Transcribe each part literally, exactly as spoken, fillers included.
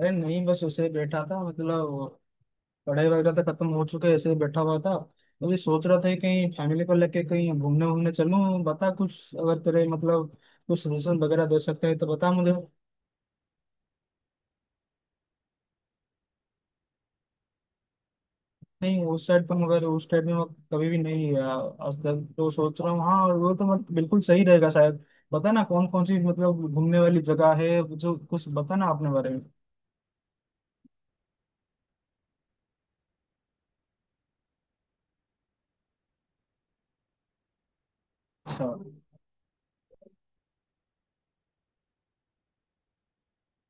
अरे नहीं, बस ऐसे ही बैठा था मतलब। पढ़ाई वगैरह तो खत्म हो चुके, ऐसे ही बैठा हुआ था। अभी सोच रहा था कि कहीं फैमिली को लेके कहीं घूमने वूमने चलूं। बता, कुछ अगर तेरे मतलब, कुछ सजेशन वगैरह दे सकते हैं तो बता मुझे। नहीं, उस साइड तो, मगर उस साइड में मैं कभी भी नहीं गया आज तक। तो सोच रहा हूँ, हाँ, और वो तो मत बिल्कुल सही रहेगा शायद। बता ना कौन कौन सी मतलब घूमने वाली जगह है जो, कुछ बता ना अपने बारे में। अच्छा।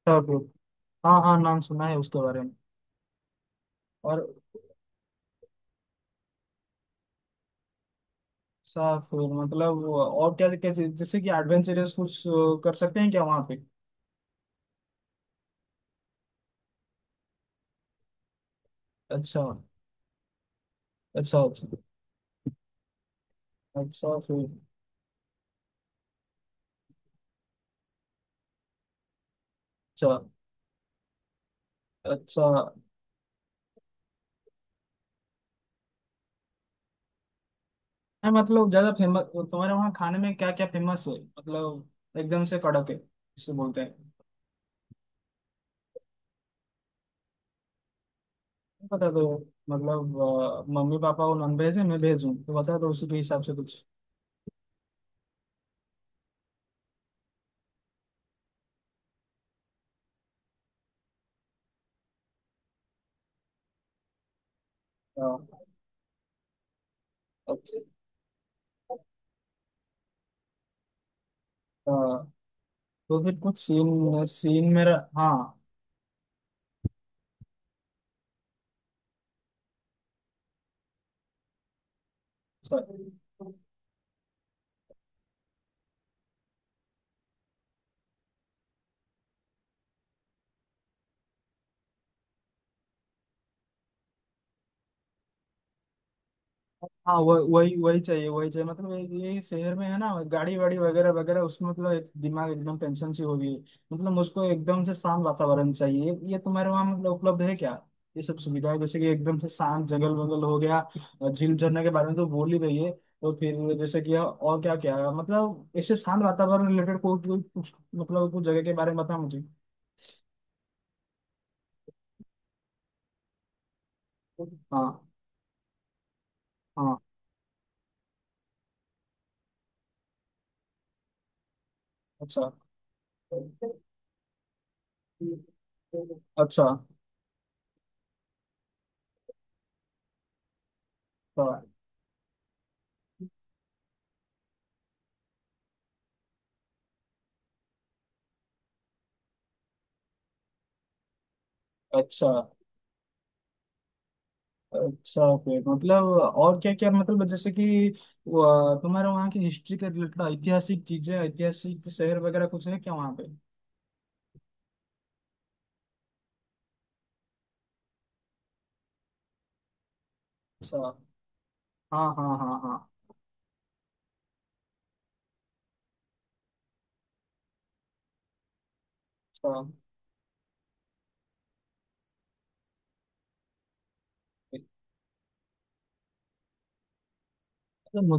अच्छा, फिर। हाँ, हाँ, नाम सुना है उसके बारे में। और साफ रोड मतलब, और क्या क्या चीज जैसे कि एडवेंचरस कुछ अ, कर सकते हैं क्या वहाँ पे? अच्छा। अच्छा। अच्छा। अच्छा, फिर। अच्छा। अच्छा। है मतलब ज्यादा फेमस? तुम्हारे वहाँ खाने में क्या क्या फेमस है मतलब? एकदम से कड़क है जिसे बोलते हैं। नहीं, बता दो। मतलब अ, मम्मी पापा वो नॉन वेज है, मैं वेज हूँ, तो बता दो उसी के हिसाब से कुछ। अ, अच्छा। अ, तो फिर कुछ सीन सीन मेरा? हाँ। Sorry। हाँ, वह- वही वही चाहिए, वही चाहिए मतलब। ये ये शहर में है ना, गाड़ी वाड़ी वगैरह वगैरह उसमें मतलब, एक दिमाग एकदम टेंशन सी हो गई। मतलब मुझको एकदम से शांत वातावरण चाहिए, ये तुम्हारे वहाँ मतलब उपलब्ध है क्या? ये सब सुविधाएं, जैसे कि एकदम से शांत जंगल वगल हो गया। और झील झरने के बारे में तो बोल ही रही है, तो फिर जैसे कि और क्या क्या है मतलब, ऐसे शांत वातावरण रिलेटेड कोई कोई कुछ मतलब, कुछ जगह के बारे में बता मुझे। हाँ, हाँ। अच्छा अच्छा। अच्छा। अच्छा। अच्छा, फिर मतलब और क्या क्या मतलब, जैसे कि वो, तुम्हारे वहाँ की हिस्ट्री के रिलेटेड ऐतिहासिक चीजें, ऐतिहासिक शहर वगैरह कुछ है क्या वहाँ पे? अच्छा। हाँ, हाँ, हाँ, हाँ। अच्छा। तो मु-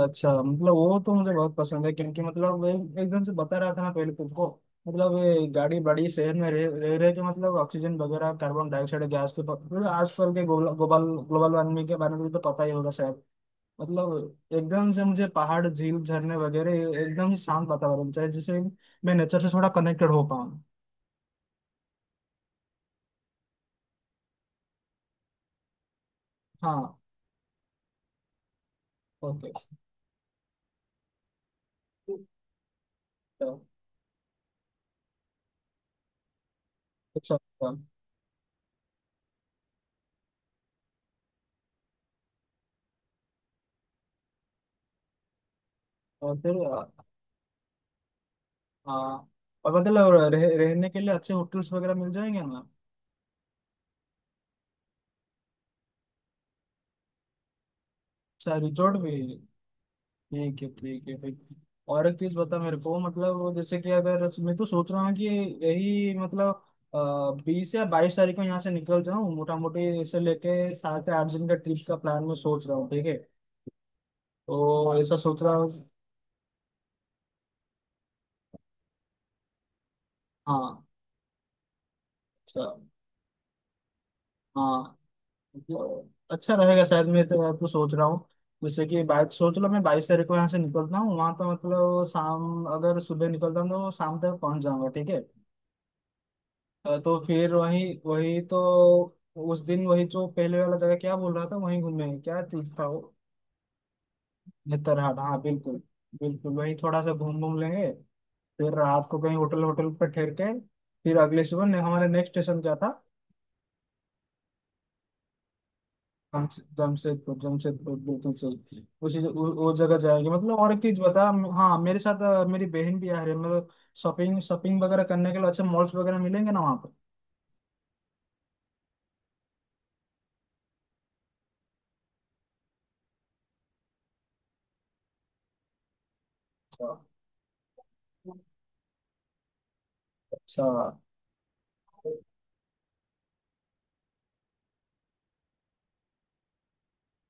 अच्छा मतलब वो तो मुझे बहुत पसंद है, क्योंकि मतलब एक- एकदम से बता रहा था ना पहले तुमको। मतलब ये गाड़ी बड़ी शहर में रह रह रहे के मतलब, ऑक्सीजन वगैरह कार्बन डाइऑक्साइड गैस के प- मतलब आजकल के ग्लोबल ग्लोबल वार्मिंग के बारे में तो पता ही होगा शायद। मतलब एकदम से मुझे पहाड़ झील झरने वगैरह, एकदम ही शांत वातावरण चाहिए, जिससे मैं नेचर से थोड़ा कनेक्टेड हो पाऊँ। हाँ। ओके। अच्छा। अच्छा। और फिर आ, आ, और मतलब रह, रहने के लिए अच्छे होटल्स वगैरह मिल जाएंगे ना? अच्छा, रिजॉर्ट भी? ठीक है, ठीक है, ठीक। और एक चीज बता मेरे को मतलब, वो जैसे कि अगर मैं तो सोच रहा हूँ कि यही मतलब बीस या बाईस तारीख को यहाँ से निकल जाऊँ, मोटा मोटी इसे लेके सात या आठ दिन का ट्रिप का प्लान मैं सोच रहा हूँ, ठीक है? तो ऐसा सोच रहा हूँ। हाँ। अच्छा। हाँ। मतलब अच्छा रहेगा शायद, मैं तो आपको सोच रहा हूँ जैसे कि बाईस, सोच लो मैं बाईस तारीख को यहाँ से निकलता हूँ, वहाँ तो मतलब शाम, अगर सुबह निकलता हूँ तो शाम तक पहुँच जाऊँगा, ठीक है? अ, तो फिर वही वही तो, उस दिन वही जो पहले वाला जगह क्या बोल रहा था वहीं घूमेंगे, क्या चीज था वो? नेतरहाट, हाँ बिल्कुल। बिल्कुल वही, थोड़ा सा घूम घूम लेंगे। फिर रात को कहीं होटल होटल पर ठहर के, फिर अगले सुबह ने, हमारे नेक्स्ट स्टेशन क्या था? हम। जमशेदपुर, जमशेदपुर बिल्कुल सही, उसी उ- वो जगह जाएंगे मतलब। और एक चीज बता, हम- हाँ, मेरे साथ अ, मेरी बहन भी आ रही है मतलब। शॉपिंग शॉपिंग वगैरह करने के लिए अच्छे मॉल्स वगैरह मिलेंगे ना वहाँ पर? अच्छा। अच्छा।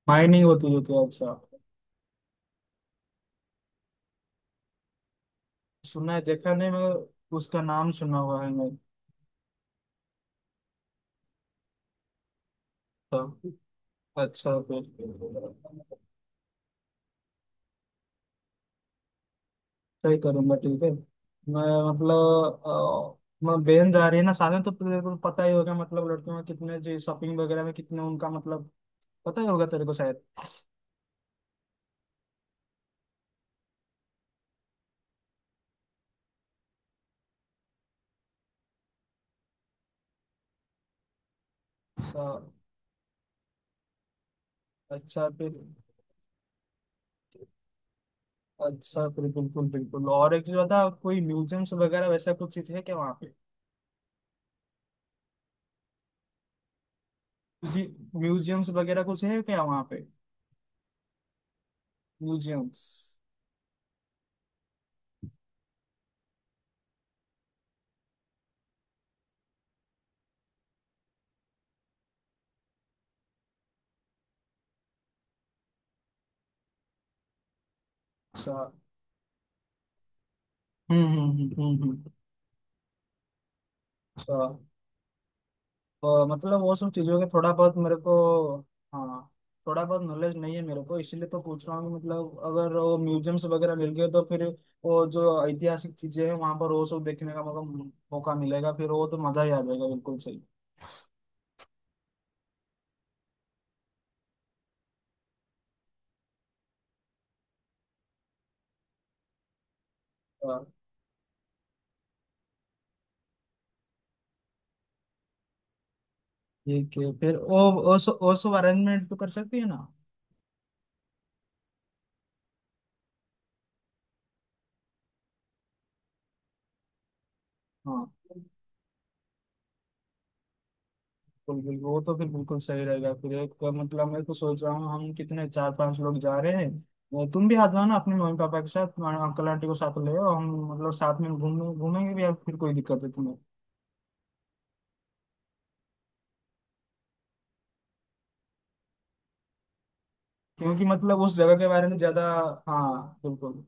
माइनिंग होती रहती है, अच्छा। सुना है, देखा नहीं, मगर उसका नाम सुना हुआ है मैं। तो, अच्छा फिर। सही करूंगा, ठीक है। मैं मतलब अ, मैं बहन जा रही है ना, साधन तो तेरे को पता ही होगा मतलब लड़कियों में कितने जो शॉपिंग वगैरह में कितने उनका मतलब, पता ही होगा तेरे को शायद। अच्छा। अच्छा फिर। अच्छा फिर, बिल्कुल बिल्कुल। और एक चीज बता, कोई म्यूजियम्स वगैरह वैसा कुछ चीज है क्या वहाँ पे? जी। म्यूजियम्स वगैरह कुछ है क्या वहाँ पे? म्यूजियम्स। अच्छा। हम्म, हम्म, हम्म, हम्म, हम्म। अच्छा। तो मतलब वो सब चीजों के थोड़ा बहुत मेरे को, हाँ, थोड़ा बहुत नॉलेज नहीं है मेरे को, इसीलिए तो पूछ रहा हूँ। मतलब अगर वो म्यूजियम्स वगैरह मिल गए तो फिर वो जो ऐतिहासिक चीजें हैं वहां पर वो सब देखने का मौका मौका मिलेगा, फिर वो तो मजा ही आ जाएगा बिल्कुल सही। हाँ। ठीक है फिर। ओ ओ सो, ओ सो अरेंजमेंट तो कर सकती है ना? हाँ, बिल्कुल बिल्कुल, वो तो फिर बिल्कुल सही रहेगा फिर। एक का मतलब, मैं तो सोच रहा हूँ हम कितने चार पांच लोग जा रहे हैं, तुम भी आ जाओ ना अपने मम्मी पापा के साथ, तुम्हारे अंकल आंटी को साथ ले आओ, हम मतलब साथ में घूमने घूमेंगे भी, या फिर कोई दिक्कत है तुम्हें? क्योंकि मतलब उस जगह के बारे में ज्यादा, हाँ बिल्कुल।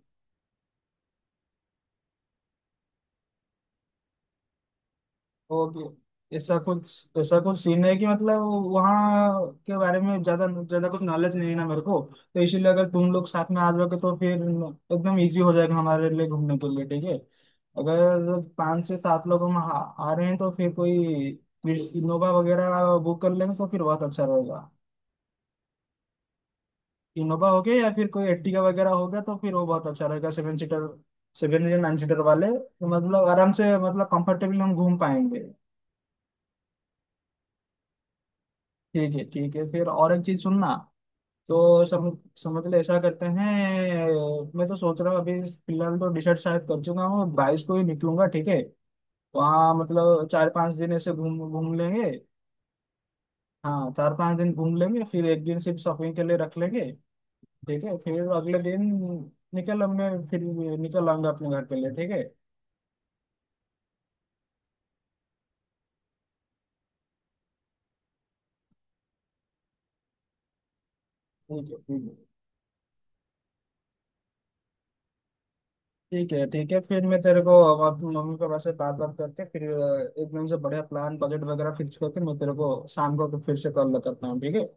और ऐसा कुछ ऐसा कुछ सीन है कि मतलब, वहाँ के बारे में ज्यादा ज्यादा कुछ नॉलेज नहीं है ना मेरे को, तो इसीलिए अगर तुम लोग साथ में आ जाओगे तो फिर एकदम इजी हो जाएगा हमारे लिए घूमने के लिए, ठीक है। अगर पाँच से सात लोग हम आ, आ रहे हैं तो फिर कोई, फिर इनोवा वगैरह बुक कर लेंगे तो फिर बहुत अच्छा रहेगा। इनोवा हो गया या फिर कोई एट्टिका वगैरह हो गया तो फिर वो बहुत अच्छा रहेगा, सेवन सीटर। सेवन या नाइन सीटर वाले तो मतलब आराम से मतलब कंफर्टेबली हम घूम पाएंगे। ठीक है, ठीक है फिर। और एक चीज सुनना तो, सम, समझ ले ऐसा करते हैं, मैं तो सोच रहा हूँ अभी फिलहाल तो डिसाइड शायद कर चुका हूँ, बाईस को ही निकलूंगा, ठीक है। वहाँ मतलब चार पांच दिन ऐसे घूम घूम लेंगे। हाँ, चार पांच दिन घूम लेंगे, फिर एक दिन सिर्फ शॉपिंग के लिए रख लेंगे। ठीक है फिर अगले दिन निकल, मैं फिर निकल आऊंगा अपने घर के लिए, ठीक है। ठीक है। ठीक है। ठीक है। ठीक है। फिर मैं तेरे को अब अपनी मम्मी पापा से बात बात करके, फिर अ, एकदम से बढ़िया प्लान बजट वगैरह फिक्स करके मैं तेरे को शाम को फिर से कॉल करता हूँ, ठीक है।